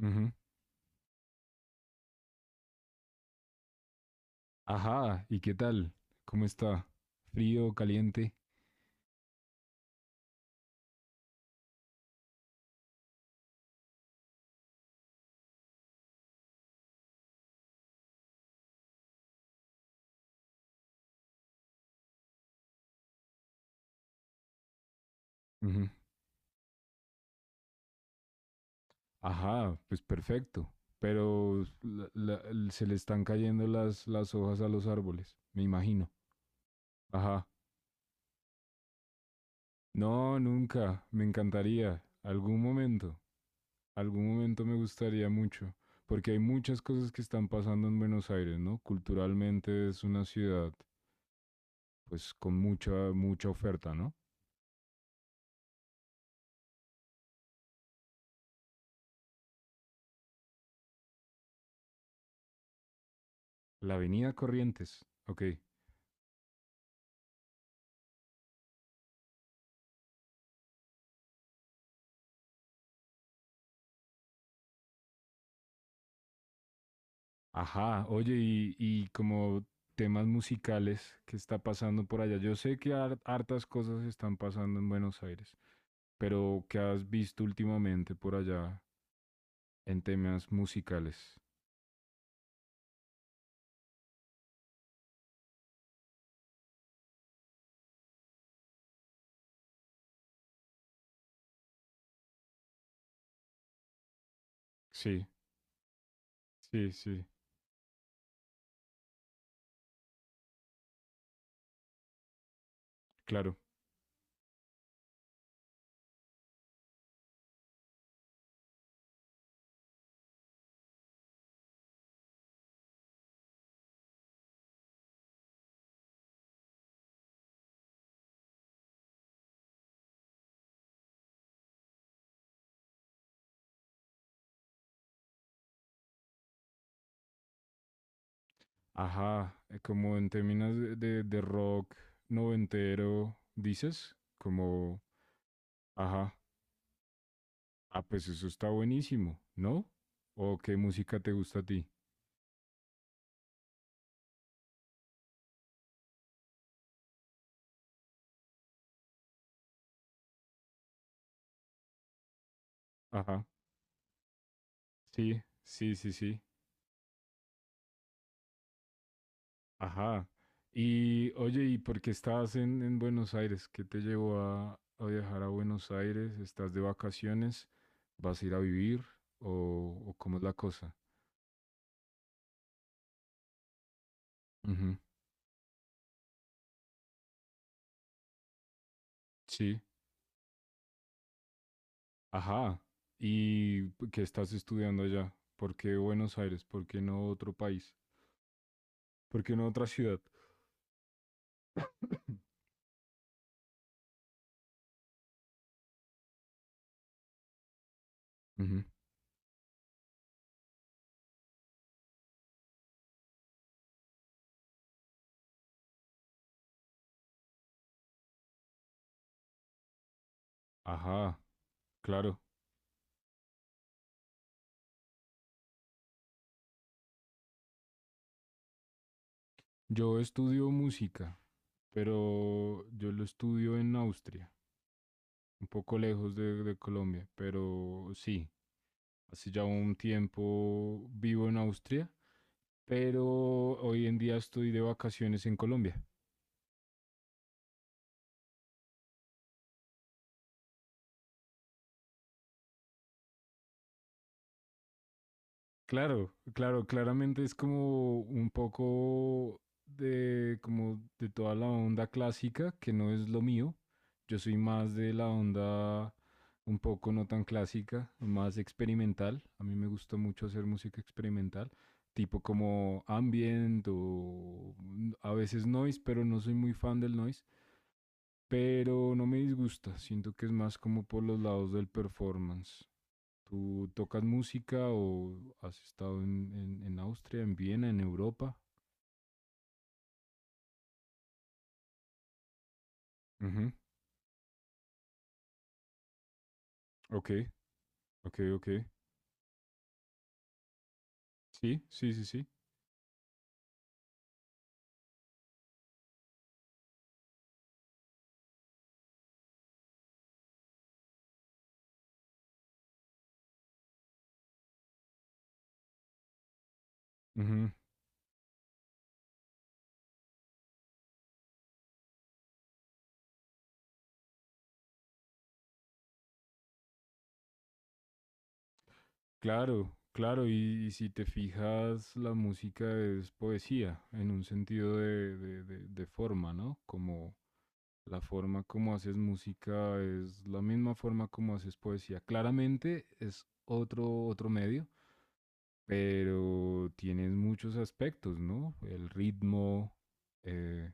Ujú. Ajá, ¿y qué tal? ¿Cómo está? ¿Frío, caliente? Ujú. Ajá, pues perfecto. Pero se le están cayendo las hojas a los árboles, me imagino. Ajá. No, nunca. Me encantaría. Algún momento. Algún momento me gustaría mucho. Porque hay muchas cosas que están pasando en Buenos Aires, ¿no? Culturalmente es una ciudad, pues, con mucha oferta, ¿no? La Avenida Corrientes. Ok. Ajá, oye, y como temas musicales, ¿qué está pasando por allá? Yo sé que hartas cosas están pasando en Buenos Aires, pero ¿qué has visto últimamente por allá en temas musicales? Sí, sí, sí, claro. Ajá, como en términos de, de rock noventero, dices, como, ajá, ah, pues eso está buenísimo, ¿no? ¿O qué música te gusta a ti? Ajá, sí, sí, sí, sí. Ajá. Y oye, ¿y por qué estás en Buenos Aires? ¿Qué te llevó a viajar a Buenos Aires? ¿Estás de vacaciones? ¿Vas a ir a vivir? O cómo es la cosa? Ujú. Sí. Ajá. ¿Y qué estás estudiando allá? ¿Por qué Buenos Aires? ¿Por qué no otro país? ¿Por qué no otra ciudad? Ujú. Ajá, claro. Yo estudio música, pero yo lo estudio en Austria, un poco lejos de Colombia, pero sí. Hace ya un tiempo vivo en Austria, pero hoy en día estoy de vacaciones en Colombia. Claro, claro, claramente es como un poco de como de toda la onda clásica, que no es lo mío. Yo soy más de la onda un poco no tan clásica, más experimental. A mí me gusta mucho hacer música experimental, tipo como ambient o a veces noise, pero no soy muy fan del noise, pero no me disgusta. Siento que es más como por los lados del performance. ¿Tú tocas música o has estado en Austria, en Viena, en Europa? Ujú. Ok, ok, ok. Sí, sí, sí, sí. Ujú. Claro, claro. Y si te fijas, la música es poesía en un sentido de, de forma, ¿no? Como la forma como haces música es la misma forma como haces poesía. Claramente es otro, otro medio, pero tienes muchos aspectos, ¿no? El ritmo, eh,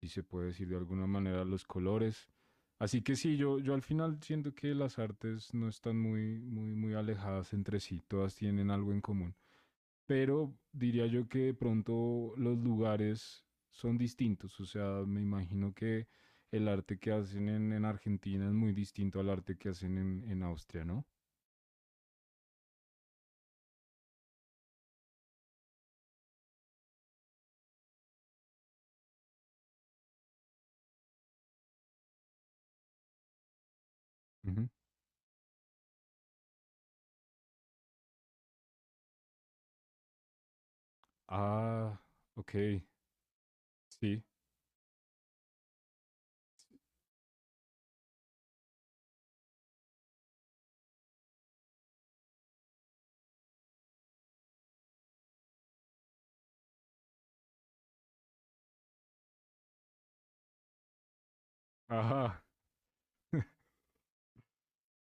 si se puede decir de alguna manera, los colores. Así que sí, yo al final siento que las artes no están muy alejadas entre sí, todas tienen algo en común. Pero diría yo que de pronto los lugares son distintos, o sea, me imagino que el arte que hacen en Argentina es muy distinto al arte que hacen en Austria, ¿no? Ujú. Ah, ok, sí. Ajá.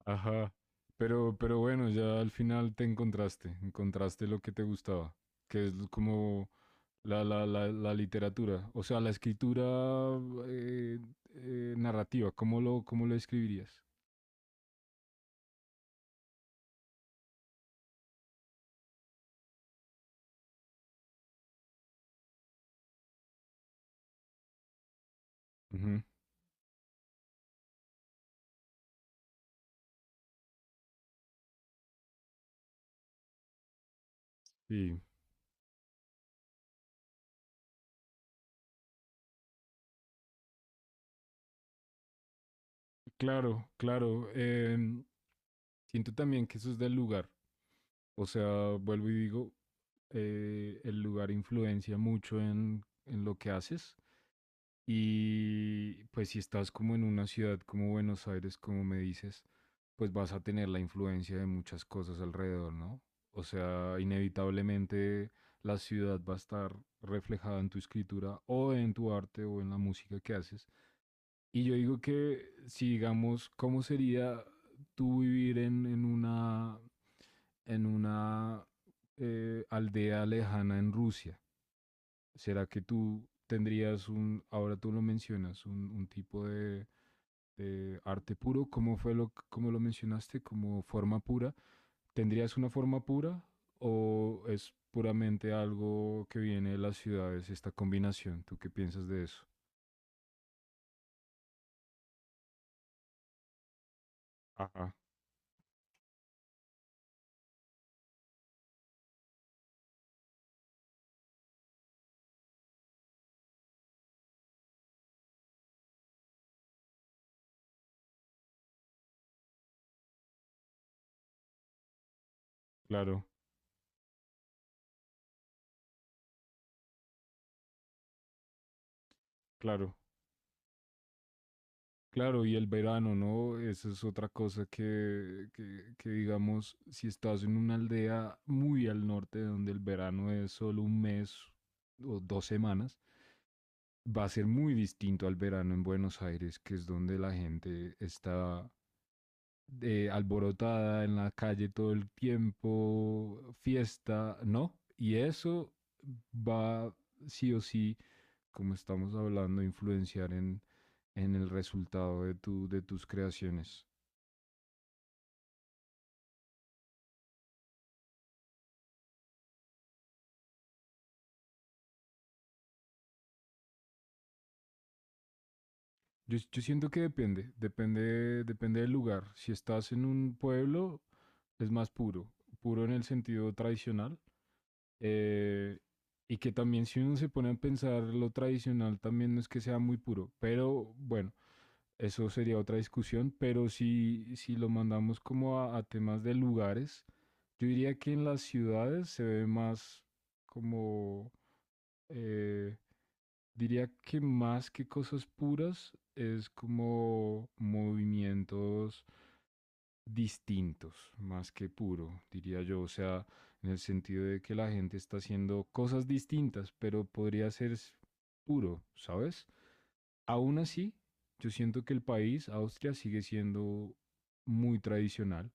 Ajá. Pero bueno, ya al final te encontraste, encontraste lo que te gustaba, que es como la literatura, o sea, la escritura eh, narrativa, cómo lo escribirías? Ujú. Sí, claro, claro. Siento también que eso es del lugar, o sea, vuelvo y digo, el lugar influencia mucho en lo que haces. Y pues si estás como en una ciudad como Buenos Aires, como me dices, pues vas a tener la influencia de muchas cosas alrededor, ¿no? O sea, inevitablemente la ciudad va a estar reflejada en tu escritura o en tu arte o en la música que haces. Y yo digo que si digamos, ¿cómo sería tú vivir en una aldea lejana en Rusia? ¿Será que tú tendrías un, ahora tú lo mencionas, un tipo de arte puro? ¿Cómo fue lo, cómo lo mencionaste? ¿Como forma pura? ¿Tendrías una forma pura o es puramente algo que viene de las ciudades, esta combinación? ¿Tú qué piensas de eso? Ajá, claro, claro. Claro, y el verano, ¿no? Eso es otra cosa que, digamos, si estás en una aldea muy al norte, donde el verano es solo un mes o dos semanas, va a ser muy distinto al verano en Buenos Aires, que es donde la gente está alborotada en la calle todo el tiempo, fiesta, ¿no? Y eso va sí o sí, como estamos hablando, a influenciar en el resultado de, tu, de tus creaciones. Yo siento que depende del lugar. Si estás en un pueblo, es más puro, puro en el sentido tradicional. eh, y que también si uno se pone a pensar lo tradicional, también no es que sea muy puro, pero bueno, eso sería otra discusión. Pero si, si lo mandamos como a temas de lugares, yo diría que en las ciudades se ve más como, eh, diría que más que cosas puras, es como movimientos distintos, más que puro, diría yo. O sea, en el sentido de que la gente está haciendo cosas distintas, pero podría ser puro, ¿sabes? Aún así, yo siento que el país, Austria, sigue siendo muy tradicional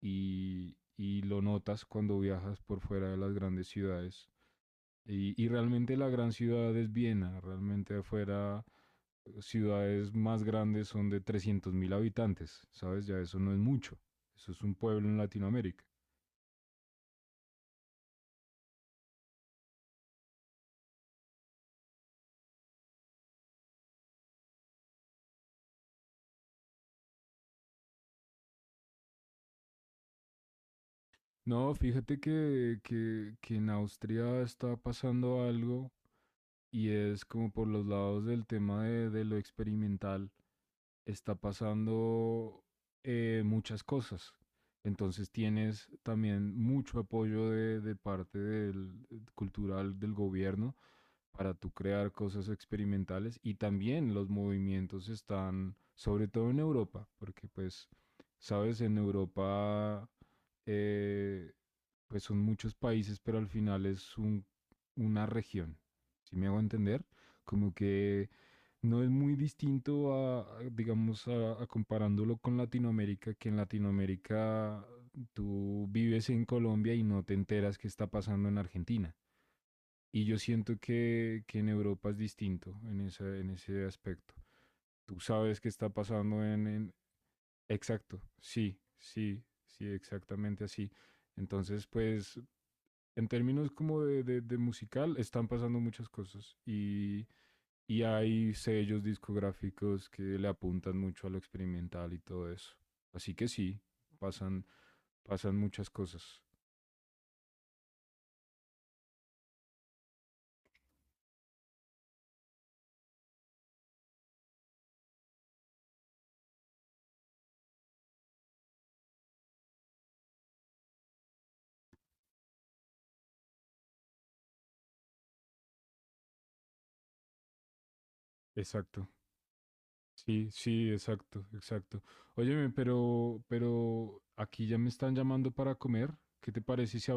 y lo notas cuando viajas por fuera de las grandes ciudades. Y realmente la gran ciudad es Viena, realmente afuera ciudades más grandes son de 300.000 habitantes, ¿sabes? Ya eso no es mucho, eso es un pueblo en Latinoamérica. No, fíjate que en Austria está pasando algo y es como por los lados del tema de lo experimental está pasando muchas cosas. Entonces tienes también mucho apoyo de parte del, cultural del gobierno para tú crear cosas experimentales y también los movimientos están, sobre todo en Europa, porque pues, sabes, en Europa eh, pues son muchos países, pero al final es un, una región, si me hago entender, como que no es muy distinto a, digamos, a comparándolo con Latinoamérica, que en Latinoamérica tú vives en Colombia y no te enteras qué está pasando en Argentina. Y yo siento que en Europa es distinto en ese aspecto. Tú sabes qué está pasando en... Exacto, sí, sí, sí, exactamente así. Entonces, pues en términos como de, de musical, están pasando muchas cosas y hay sellos discográficos que le apuntan mucho a lo experimental y todo eso. Así que sí, pasan, pasan muchas cosas. Exacto. Sí, sí, exacto, exacto. Óyeme, pero aquí ya me están llamando para comer. ¿Qué te parece